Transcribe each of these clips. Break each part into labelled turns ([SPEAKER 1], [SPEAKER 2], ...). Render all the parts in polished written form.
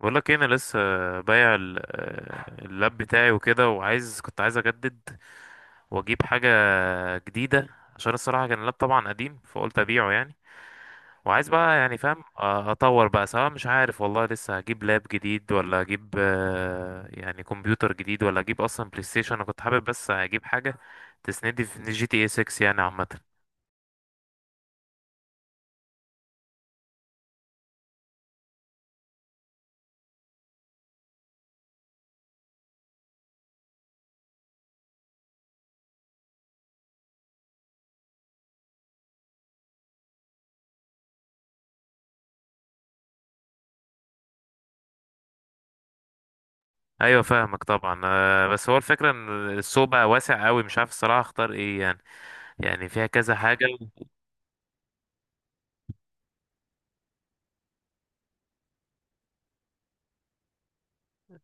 [SPEAKER 1] بقول لك إيه، انا لسه بايع اللاب بتاعي وكده كنت عايز اجدد واجيب حاجه جديده. عشان الصراحه كان اللاب طبعا قديم، فقلت ابيعه يعني وعايز بقى يعني فاهم اطور بقى، سواء مش عارف والله. لسه هجيب لاب جديد، ولا اجيب يعني كمبيوتر جديد، ولا اجيب اصلا بلاي ستيشن. انا كنت حابب بس اجيب حاجه تسندي في جي تي اي 6 يعني، عامه. ايوه فاهمك طبعا. بس هو الفكره ان السوق بقى واسع قوي، مش عارف الصراحه اختار ايه يعني فيها كذا حاجه.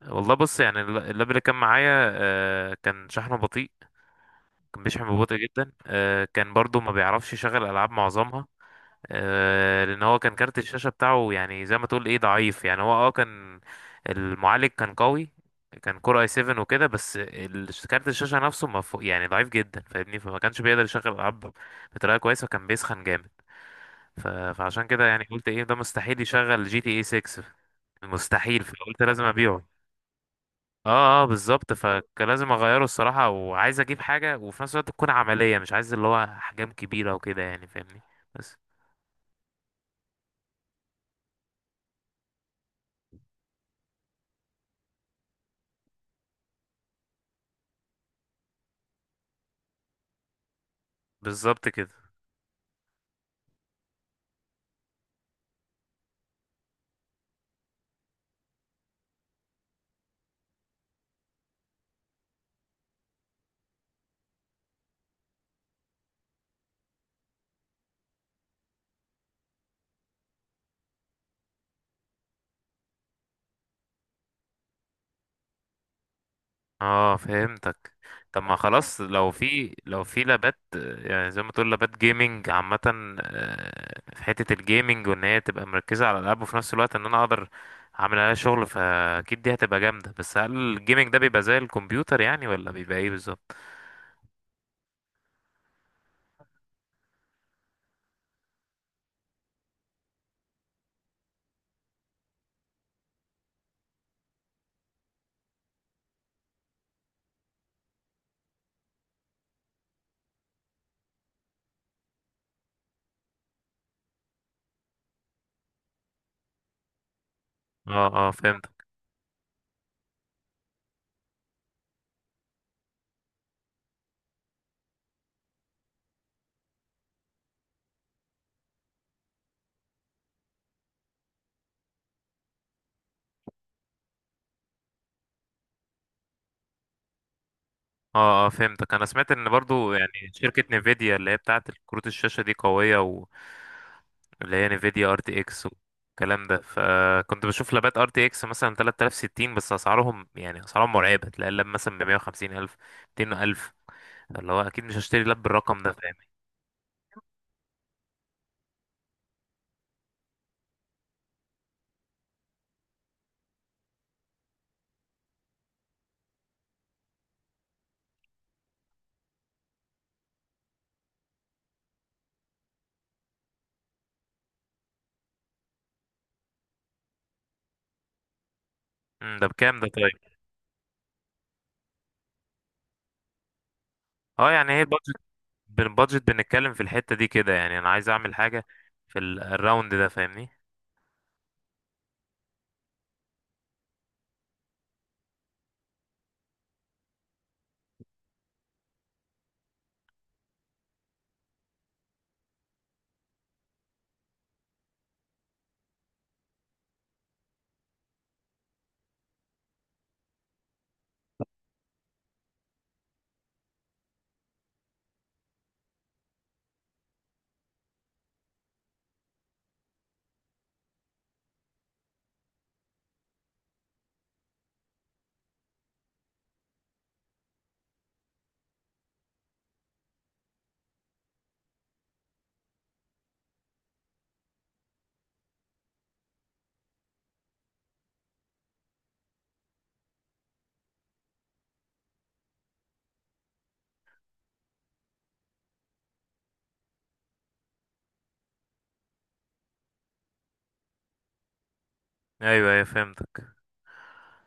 [SPEAKER 1] والله بص، يعني اللاب اللي كان معايا كان شحنه بطيء، كان بيشحن ببطء جدا. كان برضو ما بيعرفش يشغل العاب معظمها. لان هو كان كارت الشاشه بتاعه يعني زي ما تقول ايه ضعيف يعني. هو كان المعالج كان قوي، كان كور اي 7 وكده، بس كارت الشاشه نفسه ما فوق يعني، ضعيف جدا فاهمني. فما كانش بيقدر يشغل العاب بطريقه كويسه، وكان بيسخن جامد. فعشان كده يعني قلت ايه، ده مستحيل يشغل جي تي اي 6، مستحيل. فقلت لازم ابيعه. اه اه، بالظبط. فكان لازم اغيره الصراحة، وعايز اجيب حاجة وفي نفس الوقت تكون عملية، مش عايز اللي هو احجام كبيرة وكده يعني فاهمني. بس. بالظبط كده. اه فهمتك. طب ما خلاص، لو في لابات يعني زي ما تقول لابات جيمنج عامة. في حتة الجيمنج وان هي تبقى مركزة على الالعاب، وفي نفس الوقت ان انا اقدر اعمل عليها شغل، فاكيد دي هتبقى جامدة. بس هل الجيمنج ده بيبقى زي الكمبيوتر يعني، ولا بيبقى ايه بالظبط؟ اه اه فهمتك. اه اه فهمتك. انا سمعت ان برضو يعني شركة نيفيديا اللي هي بتاعة كروت الشاشة دي قوية و اللي هي نيفيديا ار تي اكس والكلام ده. فكنت بشوف لابات ار تي اكس مثلا 3060، بس اسعارهم يعني اسعارهم مرعبه. تلاقي اللاب مثلا ب 150,000 الف، 200,000، اللي هو اكيد مش هشتري لاب بالرقم ده فاهم. ده بكام ده طيب؟ اه يعني هي البادجت. بالبادجت بنتكلم في الحته دي كده يعني، انا عايز اعمل حاجه في الراوند ده فاهمني. ايوه ايوه فهمتك.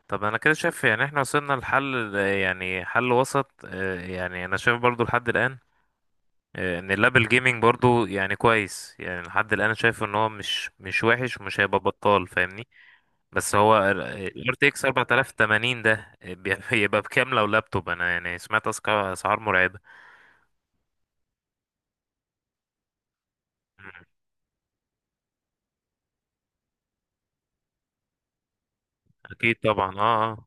[SPEAKER 1] طب انا كده شايف يعني احنا وصلنا لحل، يعني حل وسط. يعني انا شايف برضو لحد الان، ان اللابل جيمنج برضو يعني كويس يعني. لحد الان شايف ان هو مش وحش، ومش هيبقى بطال فاهمني. بس هو الار تي اكس 4080 ده بيبقى بكام لو لابتوب؟ انا يعني سمعت اسعار مرعبة. مم. اكيد طبعا اه.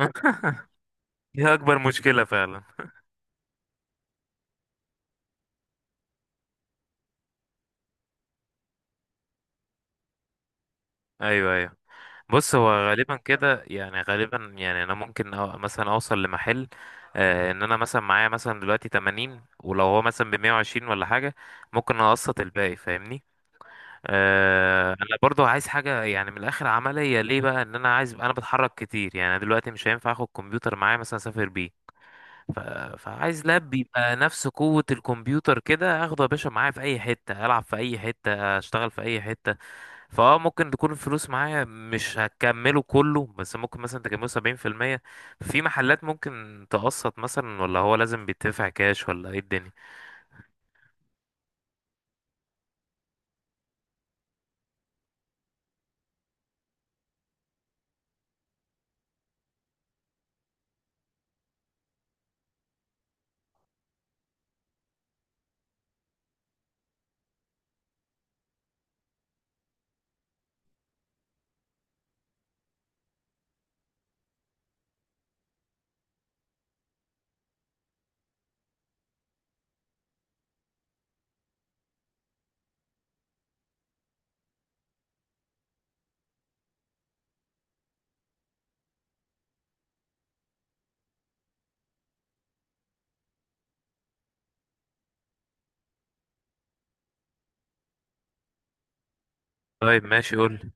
[SPEAKER 1] اه دي اكبر مشكلة فعلا. ايوه ايوه. بص، هو غالبا كده يعني، غالبا يعني انا ممكن أو مثلا اوصل لمحل، آه ان انا مثلا معايا مثلا دلوقتي 80، ولو هو مثلا ب 120 ولا حاجه، ممكن اقسط الباقي فاهمني. آه انا برضو عايز حاجه يعني من الاخر عمليه، ليه بقى؟ ان انا عايز، انا بتحرك كتير يعني. انا دلوقتي مش هينفع اخد كمبيوتر معايا مثلا اسافر بيه. ف... فعايز لاب يبقى نفس قوه الكمبيوتر كده، اخده يا باشا معايا في اي حته، العب في اي حته، اشتغل في اي حته. فاه ممكن تكون الفلوس معايا مش هكمله كله، بس ممكن مثلا تكمله 70%. في محلات ممكن تقسط مثلا، ولا هو لازم بيدفع كاش ولا ايه الدنيا؟ طيب ماشي قول.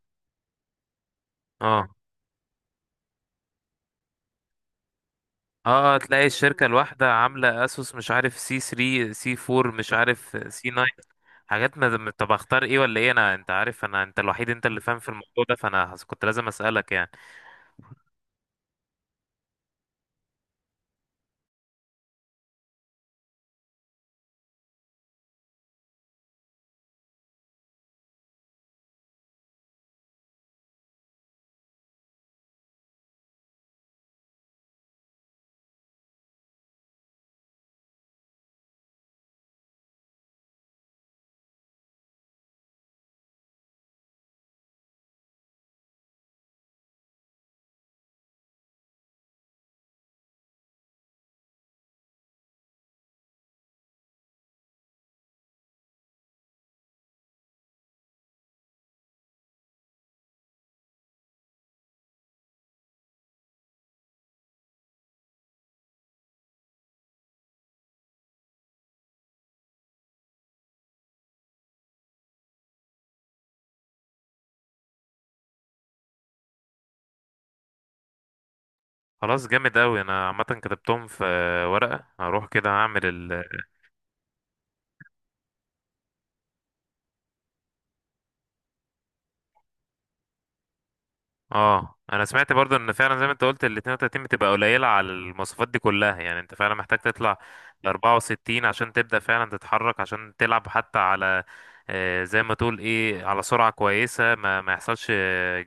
[SPEAKER 1] اه اه، تلاقي الشركة الواحدة عاملة اسوس مش عارف سي 3، سي 4، مش عارف سي 9. حاجات، ما طب اختار ايه ولا ايه انا؟ انت عارف انا، انت الوحيد انت اللي فاهم في الموضوع ده، فانا كنت لازم اسألك يعني. خلاص جامد اوي. انا عامة كتبتهم في ورقة، هروح كده هعمل. اه انا سمعت برضو ان فعلا زي ما انت قلت ال 32 بتبقى قليله على المواصفات دي كلها، يعني انت فعلا محتاج تطلع ل 64 عشان تبدا فعلا تتحرك، عشان تلعب حتى على زي ما تقول ايه على سرعه كويسه، ما يحصلش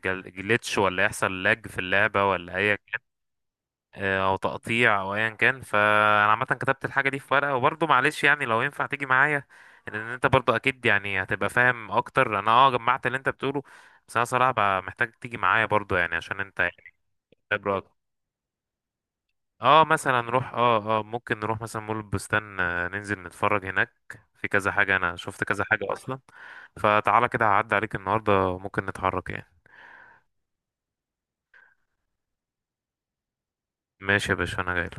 [SPEAKER 1] جليتش، ولا يحصل لاج في اللعبه ولا اي او تقطيع، او ايا كان. فانا عامه كتبت الحاجه دي في ورقه، وبرضه معلش يعني لو ينفع تيجي معايا. لان انت برضه اكيد يعني هتبقى فاهم اكتر. انا جمعت اللي انت بتقوله، بس انا صراحه بقى محتاج تيجي معايا برضه يعني، عشان انت يعني خبره أكتر. اه مثلا نروح ممكن نروح مثلا مول البستان. ننزل نتفرج هناك، في كذا حاجه انا شفت كذا حاجه اصلا. فتعالى كده هعدي عليك النهارده، ممكن نتحرك يعني. ماشي يا باشا انا جاي.